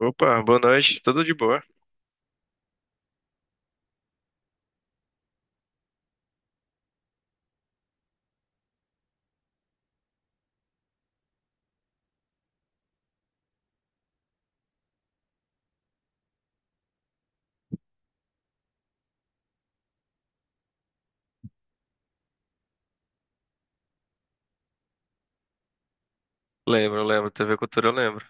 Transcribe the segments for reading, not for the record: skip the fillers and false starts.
Opa, boa noite, tudo de boa? Lembro, lembro, TV Cultura eu lembro.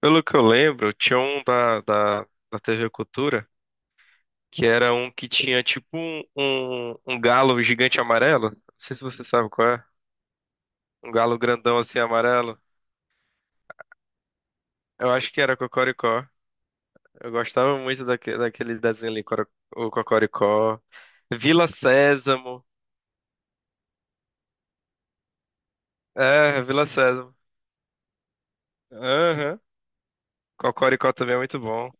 Pelo que eu lembro, tinha um da TV Cultura, que era um que tinha tipo um galo gigante amarelo. Não sei se você sabe qual é. Um galo grandão assim amarelo. Eu acho que era Cocoricó. Eu gostava muito daquele desenho ali, o Cocoricó. Vila Sésamo. É, Vila Sésamo. Aham. Cocoricó também é muito bom.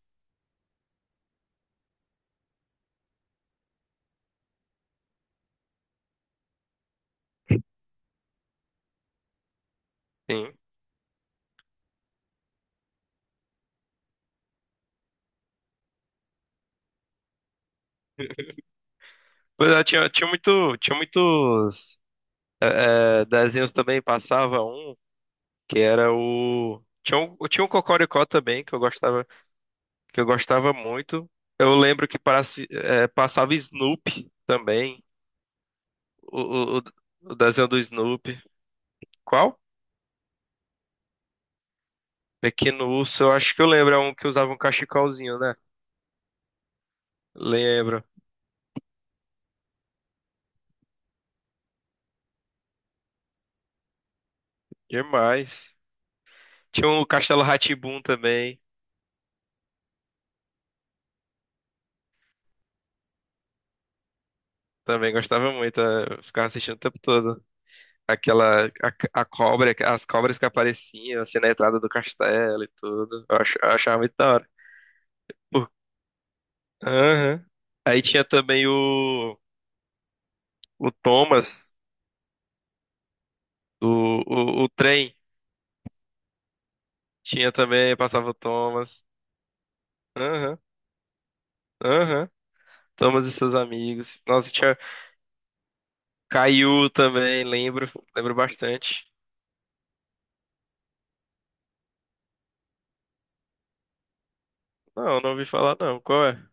Sim. Pois é, tinha muitos. Desenhos também passava um que era o tinha um Cocoricó também que eu gostava muito. Eu lembro que passava Snoopy também, o, o, o desenho do Snoopy. Qual? Pequeno Urso, eu acho que eu lembro, é um que usava um cachecolzinho, né? Lembro. Demais. Tinha um Castelo rá também. Também gostava muito, é, eu ficava assistindo o tempo todo. Aquela a, cobra, as cobras que apareciam assim na entrada do castelo e tudo. Eu achava muito da hora. Por- Aham. Aí tinha também o Thomas, o, o trem. Tinha também, passava o Thomas. Aham. Aham. Thomas e seus amigos. Nossa, tinha Caillou também, lembro, lembro bastante. Não, não ouvi falar não. Qual é?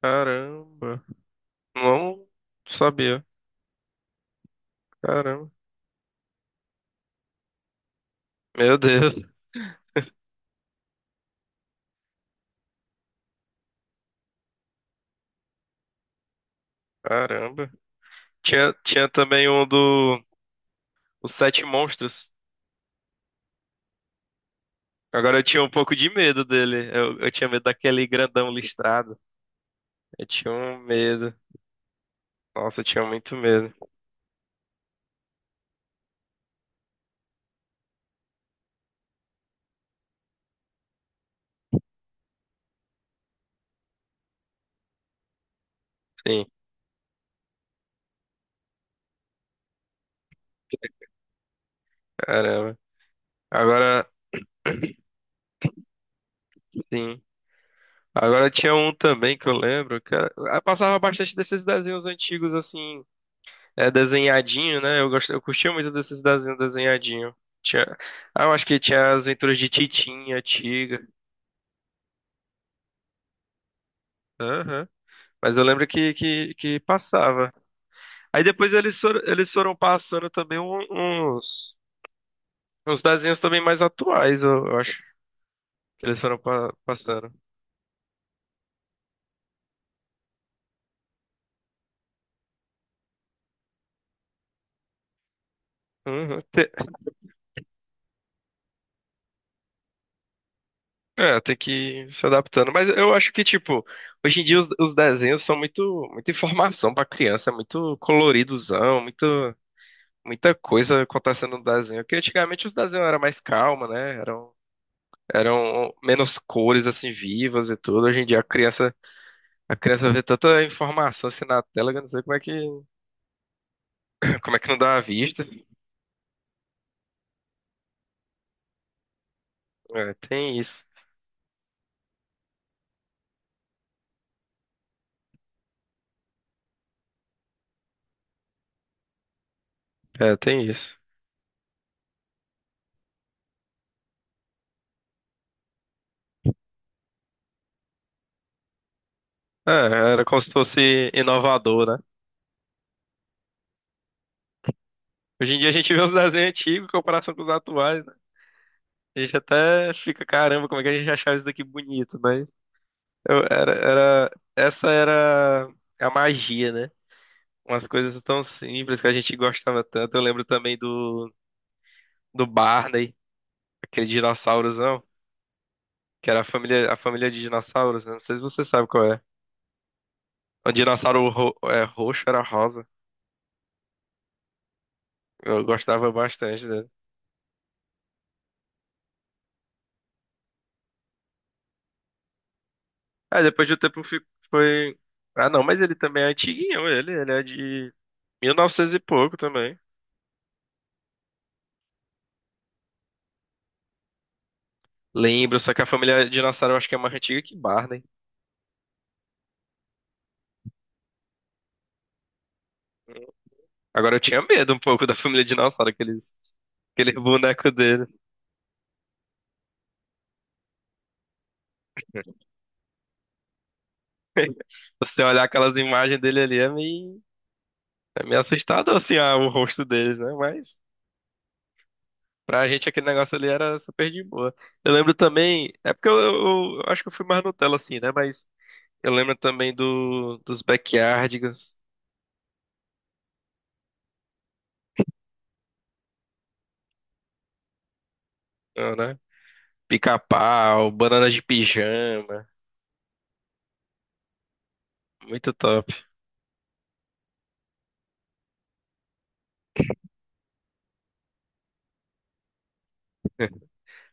Caramba. Não sabia. Caramba. Meu Deus. Caramba. Tinha também um do Os Sete Monstros. Agora eu tinha um pouco de medo dele. Eu tinha medo daquele grandão listrado. Eu tinha um medo. Nossa, eu tinha muito medo. Sim, caramba. Agora, sim. Agora tinha um também que eu lembro, eu passava bastante desses desenhos antigos, assim, é, desenhadinho, né? Eu gosto, eu curtia muito desses desenhos desenhadinho. Tinha, ah, eu acho que tinha as Aventuras de Titinha, Tiga. Aham. Mas eu lembro que passava. Aí depois eles foram passando também uns, uns desenhos também mais atuais, eu acho, que eles foram passando. Uhum. Tem que ir se adaptando. Mas eu acho que, tipo, hoje em dia os desenhos são muito, muita informação pra criança, é muito coloridozão, muito, muita coisa acontecendo no desenho. Porque antigamente os desenhos eram mais calma, né? Eram menos cores, assim, vivas e tudo. Hoje em dia a criança vê tanta informação assim na tela que eu não sei como é que, como é que não dá a vista. É, tem isso. É, tem isso. É, era como se fosse inovador, né? Hoje em dia a gente vê os desenhos antigos em comparação com os atuais, né? A gente até fica, caramba, como é que a gente achava isso daqui bonito, mas essa era a magia, né? Umas coisas tão simples que a gente gostava tanto. Eu lembro também do Barney, aquele dinossaurozão, que era a família de dinossauros, né? Não sei se você sabe qual é. O dinossauro roxo era rosa. Eu gostava bastante né? Aí depois de um tempo foi. Ah, não, mas ele também é antiguinho, ele. Ele é de mil e novecentos e pouco também. Lembro, só que a família dinossauro eu acho que é mais antiga que Barney. Agora eu tinha medo um pouco da família dinossauro, aquele boneco dele. Você olhar aquelas imagens dele ali é meio assustador, assim, ah, o rosto deles, né? Mas pra gente aquele negócio ali era super de boa. Eu lembro também, é porque eu acho que eu fui mais Nutella, assim, né? Mas eu lembro também dos Backyardigans, ah, né? Pica-pau, banana de pijama, muito top.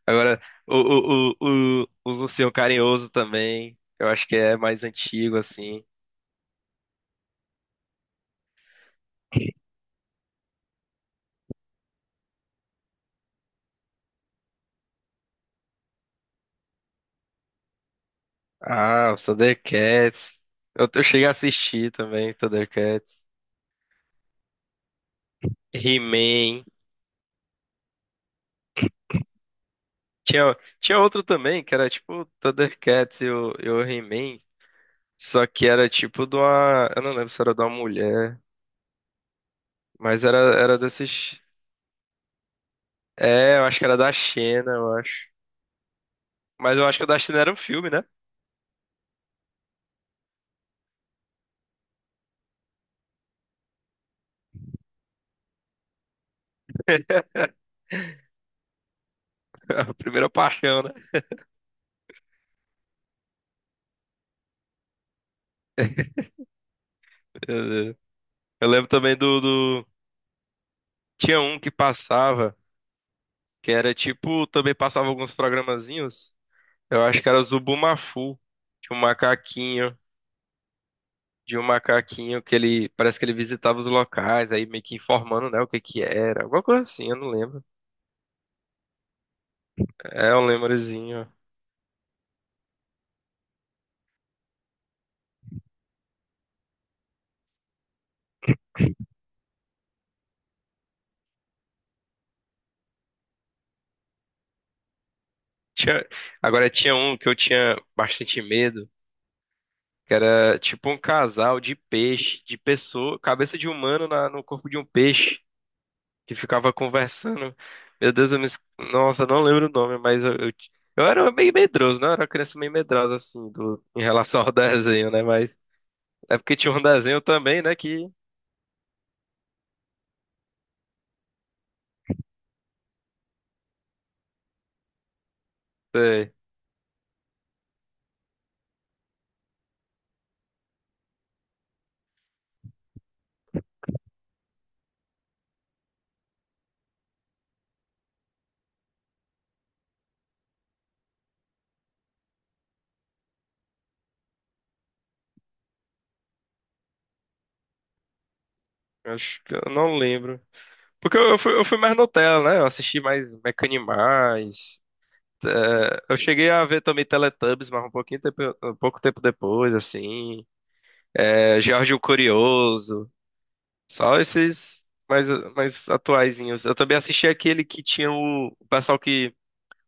Agora, o, os Ursinho Carinhoso também, eu acho que é mais antigo, assim. Ah, os Thundercats. Eu cheguei a assistir também, Thundercats. He-Man. Tinha, tinha outro também, que era tipo Thundercats e o He-Man. Só que era tipo de uma. Eu não lembro se era de uma mulher, mas era desses. É, eu acho que era da China, eu acho. Mas eu acho que o da China era um filme, né? A primeira paixão, né? É, é. Eu lembro também do... Tinha um que passava, que era tipo... Também passava alguns programazinhos. Eu acho que era Zubumafu. Tinha um macaquinho, de um macaquinho que ele... Parece que ele visitava os locais, aí meio que informando, né, o que que era. Alguma coisa assim, eu não lembro. É um lembrezinho. Tinha... Agora, tinha um que eu tinha bastante medo, que era tipo um casal de peixe, de pessoa... Cabeça de humano no corpo de um peixe. Que ficava conversando. Meu Deus, eu nossa, eu não lembro o nome, mas eu era meio medroso, né? Eu era uma criança meio medrosa, assim, do... em relação ao desenho, né? Mas é porque tinha um desenho também, né? Que. É, acho que eu não lembro. Porque eu fui mais Nutella, né? Eu assisti mais Mecanimais. É, eu cheguei a ver também Teletubbies, mas um pouquinho tempo, um pouco tempo depois, assim. É, Jorge o Curioso. Só esses mais atuaizinhos. Eu também assisti aquele que tinha o pessoal que.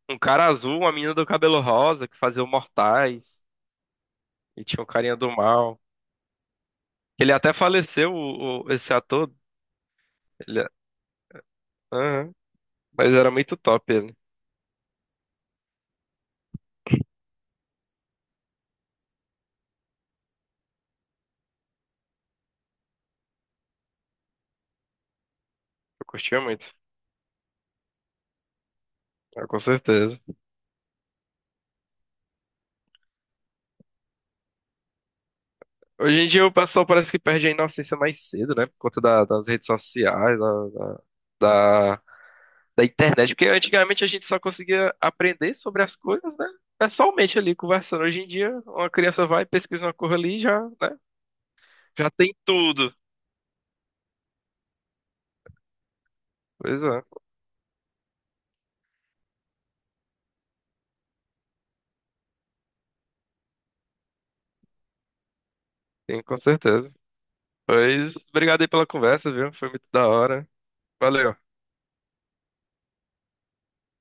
Um cara azul, uma menina do cabelo rosa, que fazia o Mortais. E tinha o carinha do mal. Ele até faleceu, esse ator. Ele, aham. Mas era muito top ele. Eu curtia muito. Ah, com certeza. Hoje em dia o pessoal parece que perde a inocência mais cedo, né? Por conta das redes sociais, da da internet, porque antigamente a gente só conseguia aprender sobre as coisas, né? Pessoalmente ali conversando. Hoje em dia, uma criança vai, pesquisa uma coisa ali e já, né? Já tem tudo. Pois é, tem com certeza. Pois, obrigado aí pela conversa, viu? Foi muito da hora. Valeu.